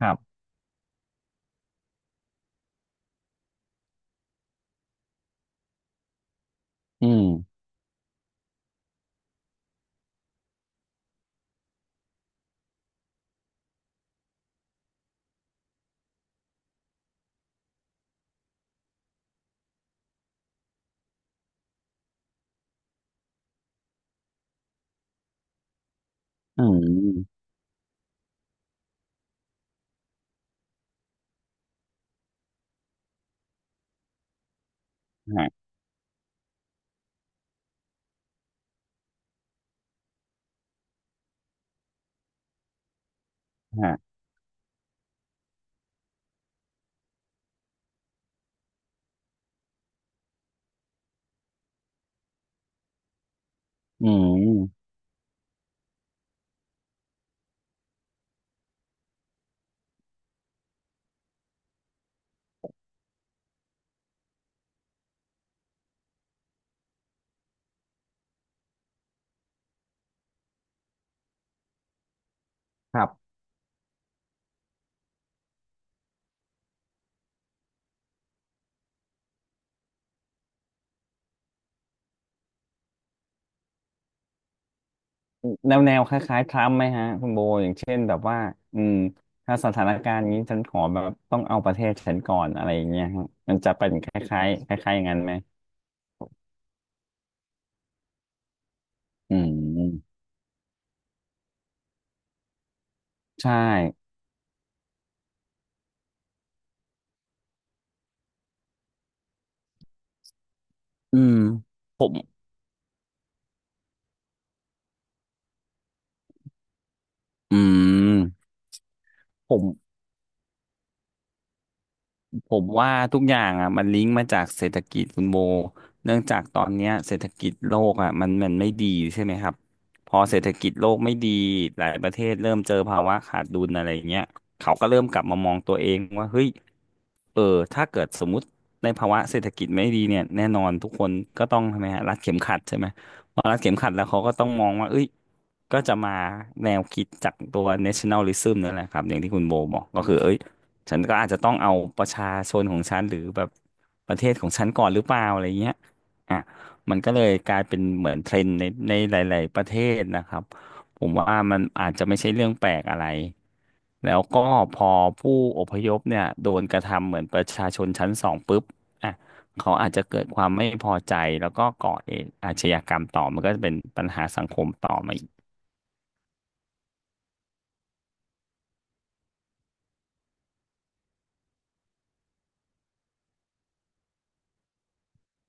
ครับอืมอืมฮะฮะอืมครับ แนวคล้ายๆทรัมป์ไหมฮะ คุณโบ อย่างเช่นแบบว่า อืม ถ้าสถานการณ์นี้ ฉันขอแบบ ต้องเอาประเทศฉันก่อน อะไรอย่างเงี้ยฮะมันจะเป็นคล้ายๆคล้ายๆอย่างนั้นไหม อืม ใช่ อืม ผม อืม ผม ผมว่าทุกอย่างอ่ะมันลิงก์มาจากเศรษฐกิจคุณโบเนื่องจากตอนเนี้ยเศรษฐกิจโลกอ่ะมันไม่ดีใช่ไหมครับพอเศรษฐกิจโลกไม่ดีหลายประเทศเริ่มเจอภาวะขาดดุลอะไรเงี้ยเขาก็เริ่มกลับมามองตัวเองว่าเฮ้ยเออถ้าเกิดสมมติในภาวะเศรษฐกิจไม่ดีเนี่ยแน่นอนทุกคนก็ต้องทำไมฮะรัดเข็มขัดใช่ไหมพอรัดเข็มขัดแล้วเขาก็ต้องมองว่าเอ้ยก็จะมาแนวคิดจากตัว nationalism นั่นแหละครับอย่างที่คุณโบบอกก็คือเอ้ย ฉันก็อาจจะต้องเอาประชาชนของฉันหรือแบบประเทศของฉันก่อนหรือเปล่าอะไรเงี้ยอ่ะมันก็เลยกลายเป็นเหมือนเทรนด์ในหลาย ๆ ประเทศนะครับ ผมว่ามันอาจจะไม่ใช่เรื่องแปลกอะไร แล้วก็พอผู้อพยพเนี่ยโดนกระทำเหมือนประชาชนชั้นสองปุ๊บอ่ะเขาอาจจะเกิดความไม่พอใจแล้วก็ก่อเหตุอาชญากรรมต่อมันก็จะเป็นปัญหาสังคมต่อมา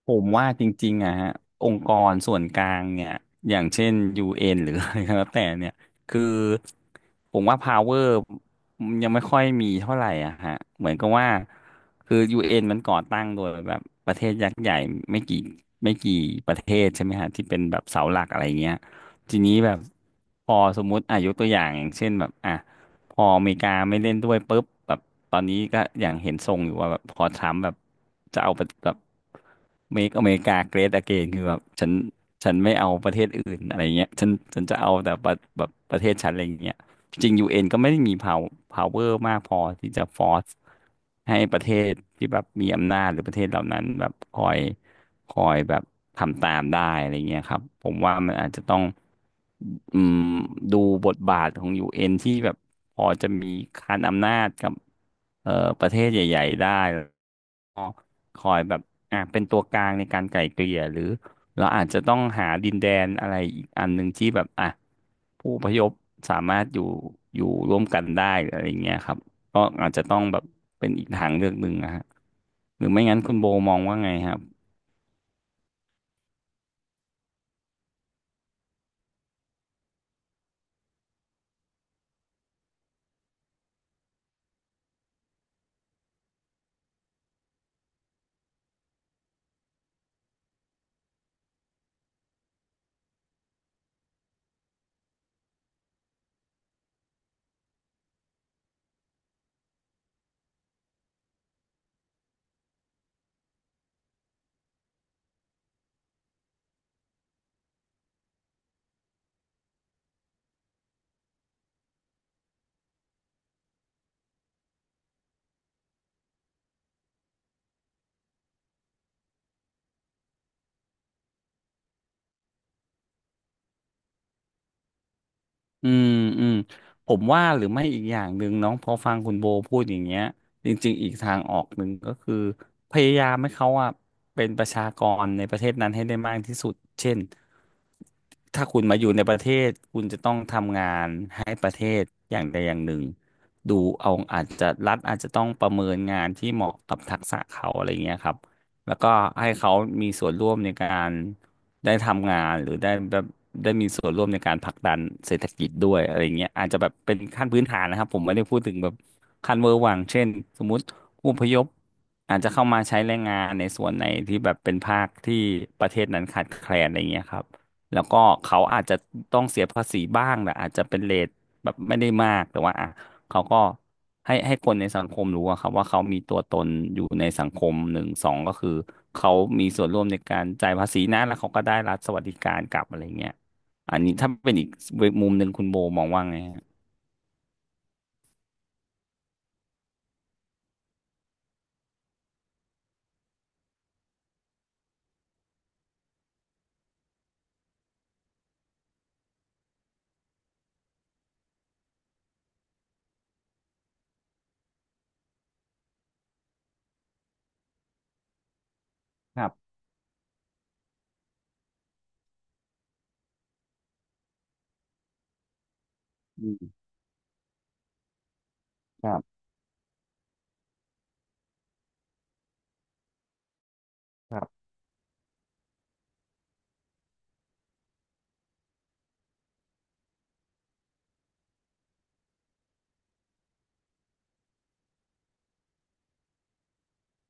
ผมว่าจริงๆอะฮะองค์กรส่วนกลางเนี่ยอย่างเช่น UN หรืออะไรก็แล้วแต่เนี่ยคือผมว่า power ยังไม่ค่อยมีเท่าไหร่อะฮะเหมือนกับว่าคือ UN มันก่อตั้งโดยแบบประเทศยักษ์ใหญ่ไม่กี่ไม่กี่ประเทศใช่ไหมฮะที่เป็นแบบเสาหลักอะไรเงี้ยทีนี้แบบพอสมมุติอายุตัวอย่างอย่างเช่นแบบอ่ะ พออเมริกาไม่เล่นด้วยปุ๊บแบบตอนนี้ก็อย่างเห็นทรงอยู่ว่าแบบพอทรัมป์แบบจะเอาแบบmake America great again คือแบบฉันไม่เอาประเทศอื่นอะไรเงี้ยฉันจะเอาแต่ประแบบประเทศฉันอะไรเงี้ยจริงยูเอ็นก็ไม่ได้มี power มากพอที่จะ force ให้ประเทศที่แบบมีอำนาจหรือประเทศเหล่านั้นแบบคอยแบบทำตามได้อะไรเงี้ยครับผมว่ามันอาจจะต้องอืมดูบทบาทของยูเอ็นที่แบบพอจะมีคานอำนาจกับเอ่อประเทศใหญ่ๆได้แล้วก็คอยแบบอ่ะเป็นตัวกลางในการไกล่เกลี่ยหรือเราอาจจะต้องหาดินแดนอะไรอีกอันหนึ่งที่แบบอ่ะผู้อพยพสามารถอยู่ร่วมกันได้หรืออะไรเงี้ยครับก็อาจจะต้องแบบเป็นอีกทางเลือกหนึ่งนะฮะหรือไม่งั้นคุณโบมองว่าไงฮะ อืมอืมผมว่าหรือไม่อีกอย่างหนึ่งเน้องพอฟังคุณโบพูดอย่างเงี้ยจริงๆอีกทางออกหนึ่งก็คือพยายามให้เขาอะเป็นประชากรในประเทศนั้นให้ได้มากที่สุดเช่นถ้าคุณมาอยู่ในประเทศคุณจะต้องทำงานให้ประเทศอย่างใดอย่างหนึ่งดูเอาอาจจะรัฐอาจจะต้องประเมินงานที่เหมาะกับทักษะเขาอะไรเงี้ยครับแล้วก็ให้เขามีส่วนร่วมในการ ได้ทำงานหรือได้แบบได้มีส่วนร่วมในการผลักดันเศรษฐกิจด้วยอะไรเงี้ยอาจจะแบบเป็นขั้นพื้นฐานนะครับผมไม่ได้พูดถึงแบบขั้นเวอร์วังเช่นสมมติผู้อพยพอาจจะเข้ามาใช้แรงงานในส่วนไหนที่แบบเป็นภาคที่ประเทศนั้นขาดแคลนอะไรเงี้ยครับแล้วก็เขาอาจจะต้องเสียภาษีบ้างแหละอาจจะเป็นเรท แบบไม่ได้มากแต่ว่าอ่ะเขาก็ให้คนในสังคมรู้อะครับว่าเขามีตัวตนอยู่ในสังคมหนึ่งสองก็คือเขามีส่วนร่วมในการจ่ายภาษีนะแล้วเขาก็ได้รัฐสวัสดิการกลับอะไรเงี้ยอันนี้ถ้าเป็นอีกมุมหนึ่งคุณโบมองว่าไงฮะครับอืมครับครับ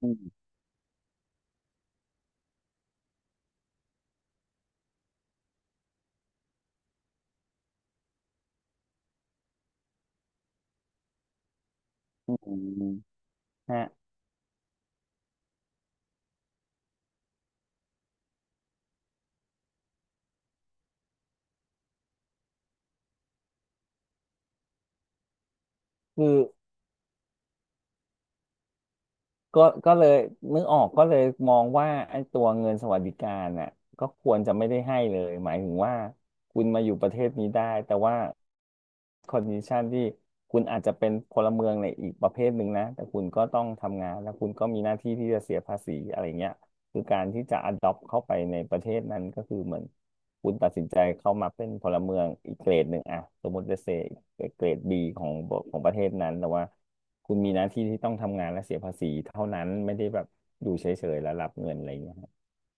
อืมอืมอืมฮะคือ ก็เลยนึกออกก็เลยมองว่าไอ้ตัวเงินสวัสดิการน่ะก็ควรจะไม่ได้ให้เลยหมายถึงว่าคุณมาอยู่ประเทศนี้ได้แต่ว่าคอนดิชันที่คุณอาจจะเป็นพลเมืองในอีกประเภทหนึ่งนะแต่คุณก็ต้องทำงานแล้วคุณก็มีหน้าที่ที่จะเสียภาษีอะไรเงี้ยคือการที่จะ adopt เข้าไปในประเทศนั้นก็คือเหมือนคุณตัดสินใจเข้ามาเป็นพลเมืองอีกเกรดหนึ่งอะสมมติจะเซอีกเกรดบีของประเทศนั้นแต่ว่า คุณมีหน้าที่ที่ต้องทำงานและเสียภาษีเท่านั้นไม่ได้แบบอยู่เฉยๆแล้วรับเงินอะไรอย่างเงี้ยครับ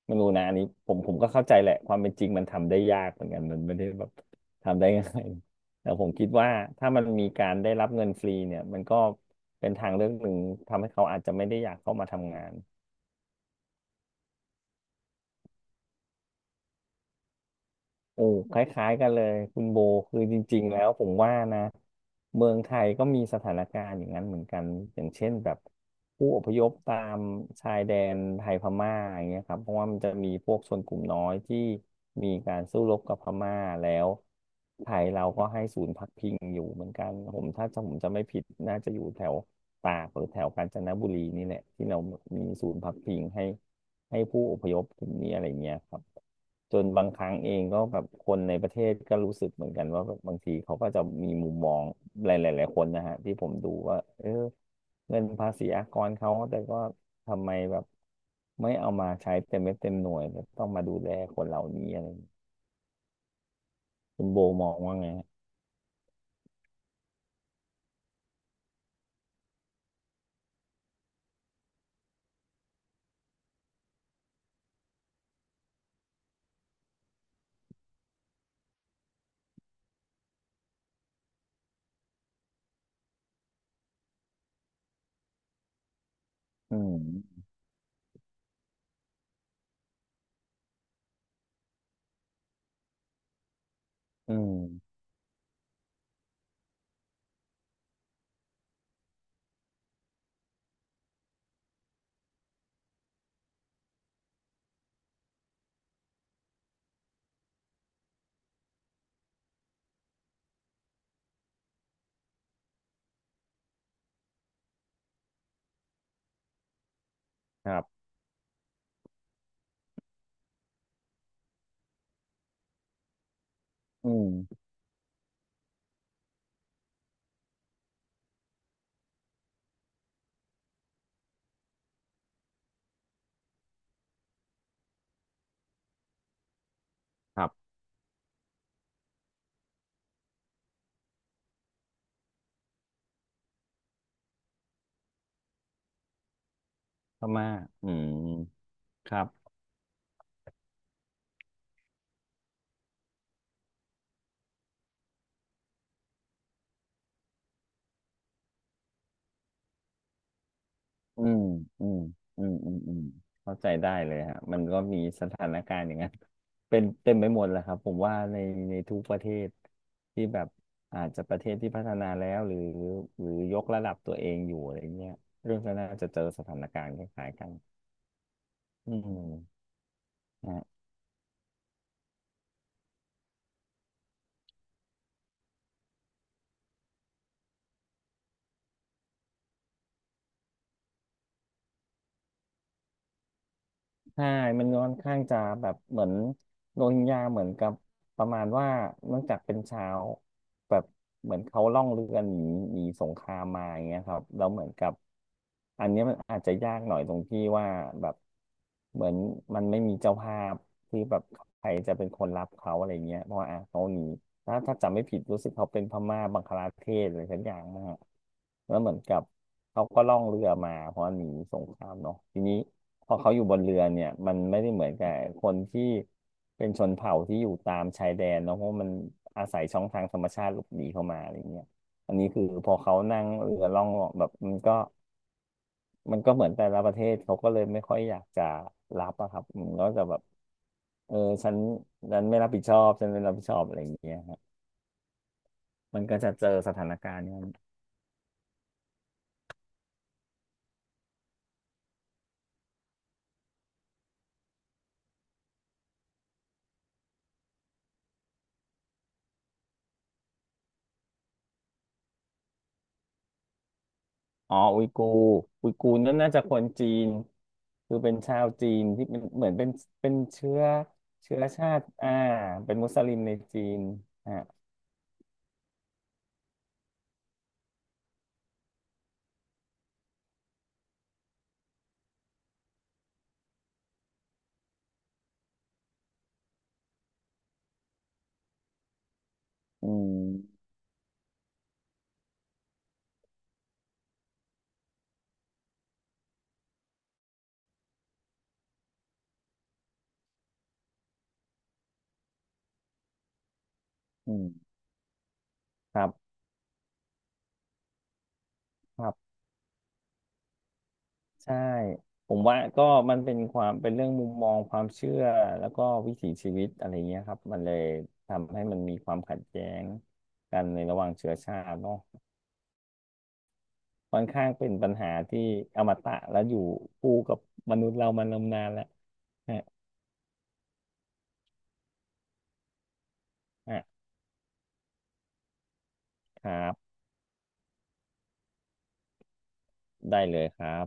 ไม่รู้นะอันนี้ผมก็เข้าใจแหละความเป็นจริงมันทำได้ยากเหมือนกันมันไม่ได้แบบทำได้ง่ายแต่ผมคิดว่าถ้ามันมีการได้รับเงินฟรีเนี่ยมันก็เป็นทางเลือกหนึ่งทำให้เขาอาจจะไม่ได้อยากเข้ามาทำงาน โอ้คล้ายๆกันเลยคุณโบคือจริงๆแล้วผมว่านะเมืองไทยก็มีสถานการณ์อย่างนั้นเหมือนกันอย่างเช่นแบบผู้อพยพตามชายแดนไทยพม่าอย่างเงี้ยครับเพราะว่ามันจะมีพวกชนกลุ่มน้อยที่มีการสู้รบกับพม่าแล้วไทยเราก็ให้ศูนย์พักพิงอยู่เหมือนกันผมถ้าจำผมจะไม่ผิดน่าจะอยู่แถวตากหรือแถวกาญจนบุรีนี่แหละที่เรามีศูนย์พักพิงให้ ให้ผู้อพยพตรงนี้อะไรเงี้ยครับจนบางครั้งเองก็แบบคนในประเทศก็รู้สึกเหมือนกันว่าแบบบางทีเขาก็จะมีมุมมองหลายๆหลายคนนะฮะที่ผมดูว่าเออเงินภาษีอากรเขาแต่ก็ทำไมแบบไม่เอามาใช้เต็มเม็ดเต็มหน่วยแตต้องมาดูแลคนเหล่านี้อะไรอย่างเงี้ยคุณโบมองว่าไงฮะอืมอืมครับอืมครับพม่าอืมครับ อืมอืมอืมอืมอืมเข้าใจได้เลยฮะมันก็มีสถานการณ์อย่างนั้น เป็นเต็มไปหมดแหละครับผมว่าในทุกประเทศที่แบบอาจจะประเทศที่พัฒนาแล้วหรือหรือยกระดับตัวเองอยู่อะไรเงี้ยเรื่องก็น่าจะเจอสถานการณ์คล้ายๆกันอืมฮะ ใช่มันค่อนข้างจะแบบเหมือนโรฮิงญาเหมือนกับประมาณว่าเนื่องจากเป็นชาวแบบเหมือนเขาล่องเรือหนีหนีสงครามมาอย่างเงี้ยครับแล้วเหมือนกับอันเนี้ยมันอาจจะยากหน่อยตรงที่ว่าแบบเหมือนมันไม่มีเจ้าภาพที่แบบใครจะเป็นคนรับเขาอะไรเงี้ยเพราะว่าอ่ะเขาหนีถ้าจำไม่ผิดรู้สึกเขาเป็นพม่าบังคลาเทศอะไรสักอย่างมากแล้วเหมือนกับเขาก็ล่องเรือมาเพราะหนีสงครามเนาะทีนี้ พอเขาอยู่บนเรือเนี่ยมันไม่ได้เหมือนกับคนที่เป็นชนเผ่าที่อยู่ตามชายแดนเนาะเพราะมันอาศัยช่องทางธรรมชาติหลบหนีเข้ามาอะไรเงี้ยอันนี้คือพอเขานั่งเรือล่องแบบมันก็เหมือนแต่ละประเทศเขาก็เลยไม่ค่อยอยากจะรับอะครับอืมันก็จะแบบเออฉันฉันไม่รับผิดชอบฉันไม่รับผิดชอบอะไรอย่างเงี้ยครับมันก็จะเจอสถานการณ์เนี่ย อ๋ออุยกูร์อุยกูร์นั่นน่าจะคนจีนคือเป็นชาวจีนที่เป็นเหมือนเป็นเชื้อเชื้อชาติอ่าเป็นมุสลิมในจีนอ่ะอืมอืมครับครับใช่ผมว่าก็มันเป็นความเป็นเรื่องมุมมองความเชื่อแล้วก็วิถีชีวิตอะไรเงี้ยครับมันเลยทำให้มันมีความขัดแย้งกันในระหว่างเชื้อชาติเนาะค่อนข้างเป็นปัญหาที่อมตะและอยู่คู่กับมนุษย์เรามานมนานแล้วฮะ ครับได้เลยครับ